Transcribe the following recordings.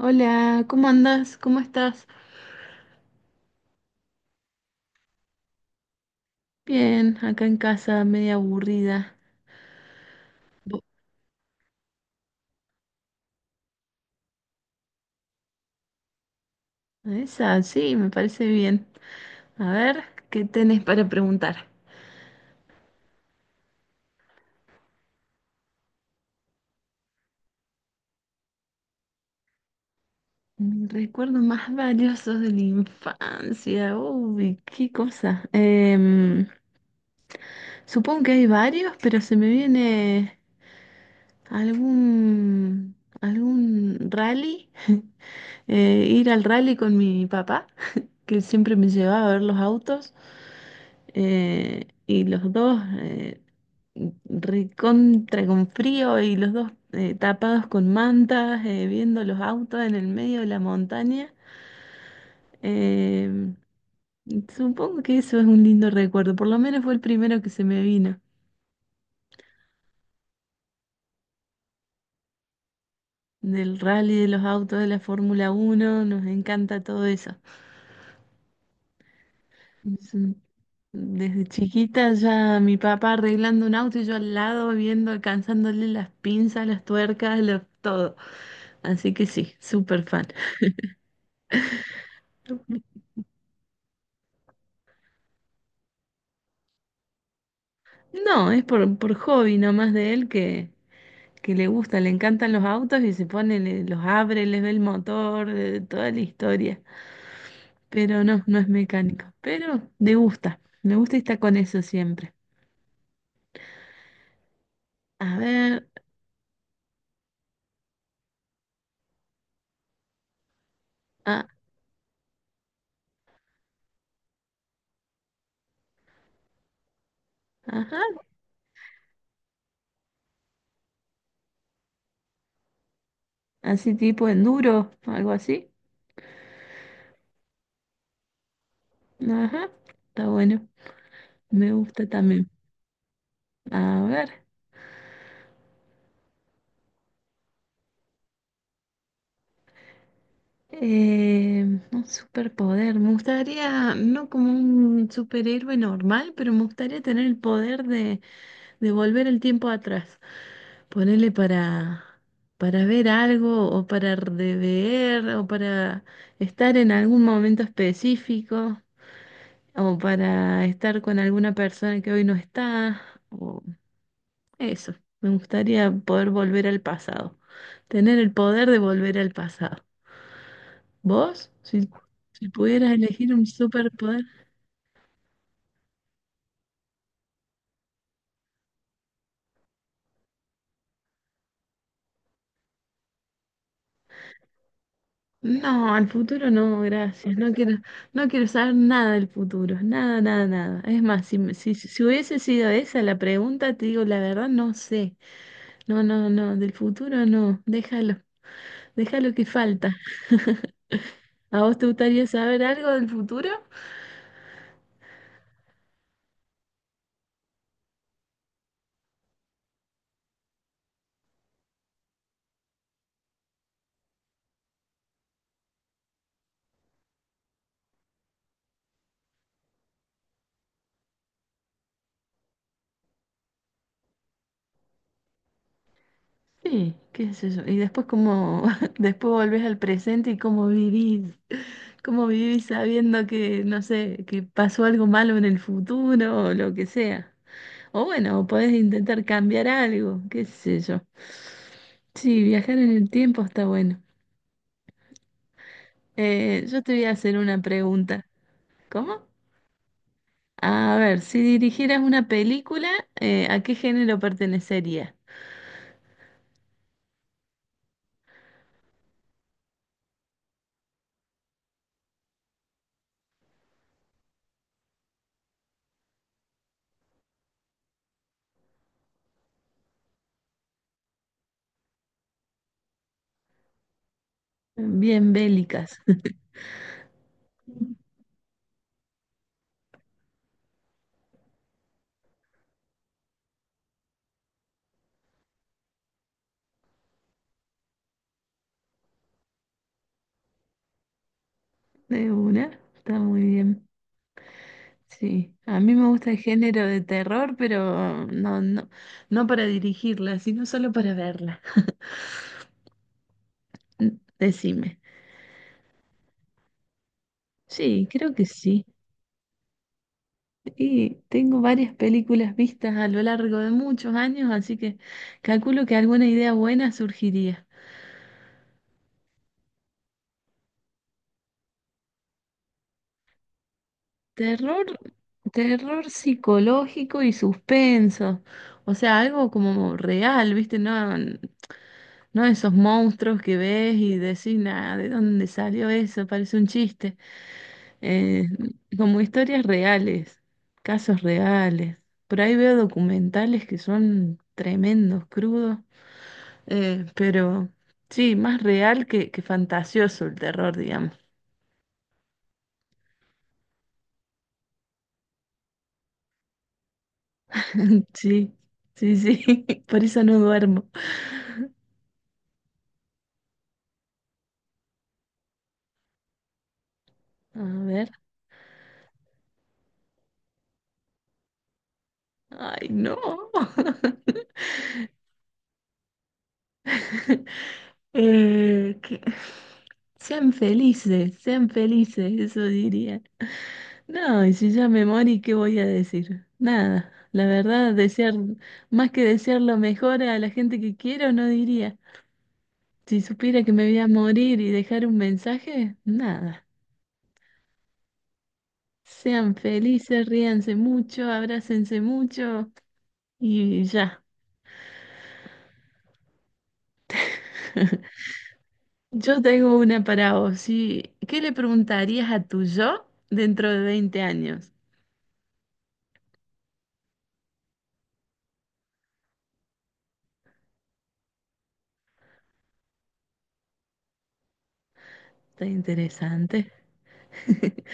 Hola, ¿cómo andas? ¿Cómo estás? Bien, acá en casa, media aburrida. Bo- Esa, sí, me parece bien. A ver, ¿qué tenés para preguntar? Mis recuerdos más valiosos de la infancia. Uy, qué cosa. Supongo que hay varios, pero se me viene algún, algún rally. Ir al rally con mi papá, que siempre me llevaba a ver los autos. Y los dos recontra con frío y los dos tapados con mantas, viendo los autos en el medio de la montaña. Eh, Supongo que eso es un lindo recuerdo, por lo menos fue el primero que se me vino. Del rally de los autos de la Fórmula 1 nos encanta todo eso. Sí. Desde chiquita ya mi papá arreglando un auto y yo al lado viendo, alcanzándole las pinzas, las tuercas, todo. Así que sí, súper fan. No, es por hobby nomás de él, que le gusta, le encantan los autos y se pone, los abre, les ve el motor, toda la historia. Pero no, no es mecánico. Pero le gusta, me gusta y está con eso siempre. A ver, ah, ajá, así tipo enduro, algo así. Ajá, está bueno. Me gusta también. A ver, eh, un superpoder. Me gustaría, no como un superhéroe normal, pero me gustaría tener el poder de volver el tiempo atrás. Ponerle para ver algo o para rever o para estar en algún momento específico o para estar con alguna persona que hoy no está o eso. Me gustaría poder volver al pasado. Tener el poder de volver al pasado. ¿Vos? Si, si pudieras elegir un superpoder. No, al futuro no, gracias. no quiero saber nada del futuro. Nada, nada, nada. Es más, si hubiese sido esa la pregunta, te digo la verdad, no sé. No, no, no, del futuro no. Déjalo que falta. ¿A vos te gustaría saber algo del futuro? Sí, qué es eso. Y después cómo, después volvés al presente y cómo vivís. ¿Cómo vivís sabiendo que, no sé, que pasó algo malo en el futuro o lo que sea? O bueno, podés intentar cambiar algo, qué sé yo. Sí, viajar en el tiempo está bueno. Yo te voy a hacer una pregunta. ¿Cómo? A ver, si dirigieras una película, ¿a qué género pertenecería? Bien bélicas. De una, está muy bien. Sí, a mí me gusta el género de terror, pero no, no, no para dirigirla, sino solo para verla. Decime. Sí, creo que sí. Y tengo varias películas vistas a lo largo de muchos años, así que calculo que alguna idea buena surgiría. Terror, terror psicológico y suspenso. O sea, algo como real, ¿viste? No, no esos monstruos que ves y decís, nada, ¿de dónde salió eso? Parece un chiste. eh, Como historias reales, casos reales. Por ahí veo documentales que son tremendos, crudos, pero sí, más real que fantasioso el terror, digamos. Sí, sí, sí, por eso no duermo. A ver, ay, no. Eh, que- sean felices, eso diría. No, y si ya me morí, ¿qué voy a decir? Nada, la verdad, desear, más que desear lo mejor a la gente que quiero, no diría. Si supiera que me voy a morir y dejar un mensaje, nada. Sean felices, ríanse mucho, abrácense mucho y ya. Yo tengo una para vos. Sí. ¿Qué le preguntarías a tu yo dentro de 20 años? Está interesante.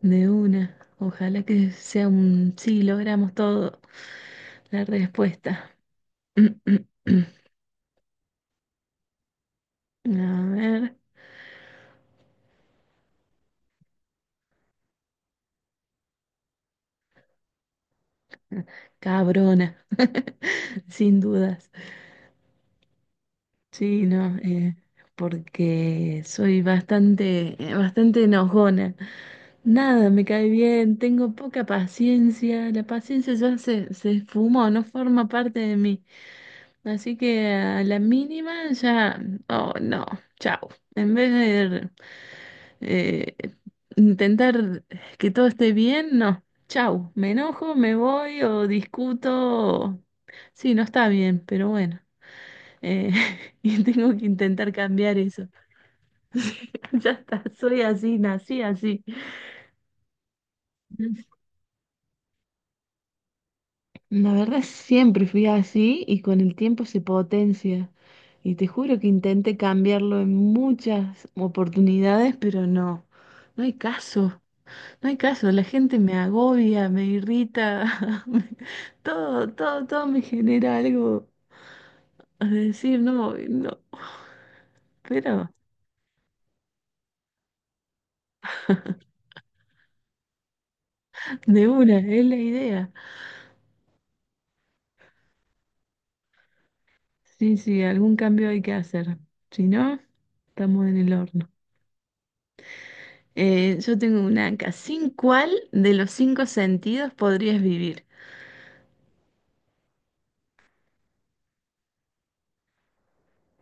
De una. Ojalá que sea un sí, logramos todo. La respuesta. A ver, cabrona, sin dudas. Sí, no, porque soy bastante enojona. Nada, me cae bien, tengo poca paciencia, la paciencia ya se esfumó, no forma parte de mí. Así que a la mínima ya, oh no, chao. En vez de Eh, intentar que todo esté bien, no. Chau, me enojo, me voy o discuto. o- Sí, no está bien, pero bueno. Eh, y tengo que intentar cambiar eso. Ya está, soy así, nací así. La verdad siempre fui así y con el tiempo se potencia. Y te juro que intenté cambiarlo en muchas oportunidades, pero no, no hay caso. No hay caso, la gente me agobia, me irrita, todo, todo, todo me genera algo a decir, no, no, pero de una, es la idea. Sí, sí, algún cambio hay que hacer, si no, estamos en el horno. Yo tengo una acá, ¿sin cuál de los cinco sentidos podrías vivir?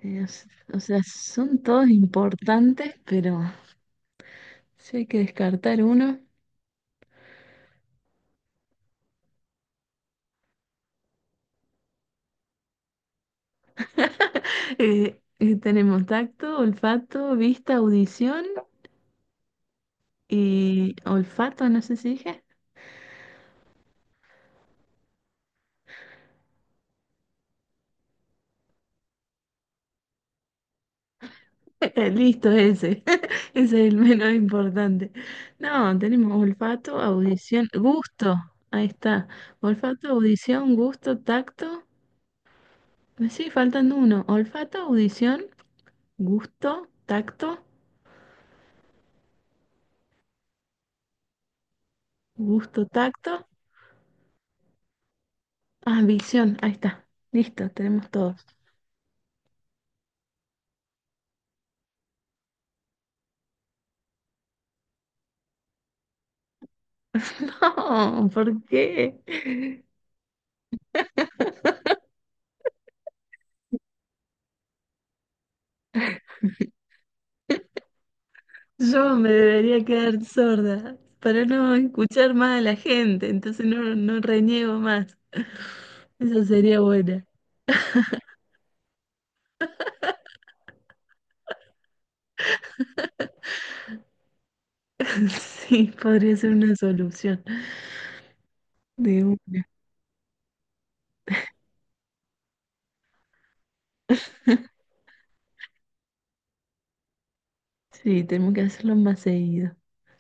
Eh, o s- o sea, son todos importantes, pero si hay que descartar uno. Tenemos tacto, olfato, vista, audición y olfato, no sé si dije. Listo, ese. Ese es el menos importante. No, tenemos olfato, audición, gusto. Ahí está. Olfato, audición, gusto, tacto. Sí, faltan uno. Olfato, audición, gusto, tacto, gusto, tacto. Ah, visión. Ahí está. Listo, tenemos todos. No, ¿por qué? Yo me debería quedar sorda para no escuchar más a la gente, entonces no, no reniego más. Eso sería buena. Sí, podría ser una solución. De una. Sí, tenemos que hacerlo más seguido.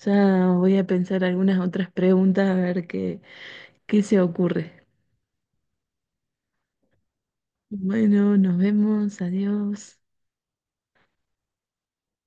Ya voy a pensar algunas otras preguntas a ver qué se ocurre. Bueno, nos vemos, adiós.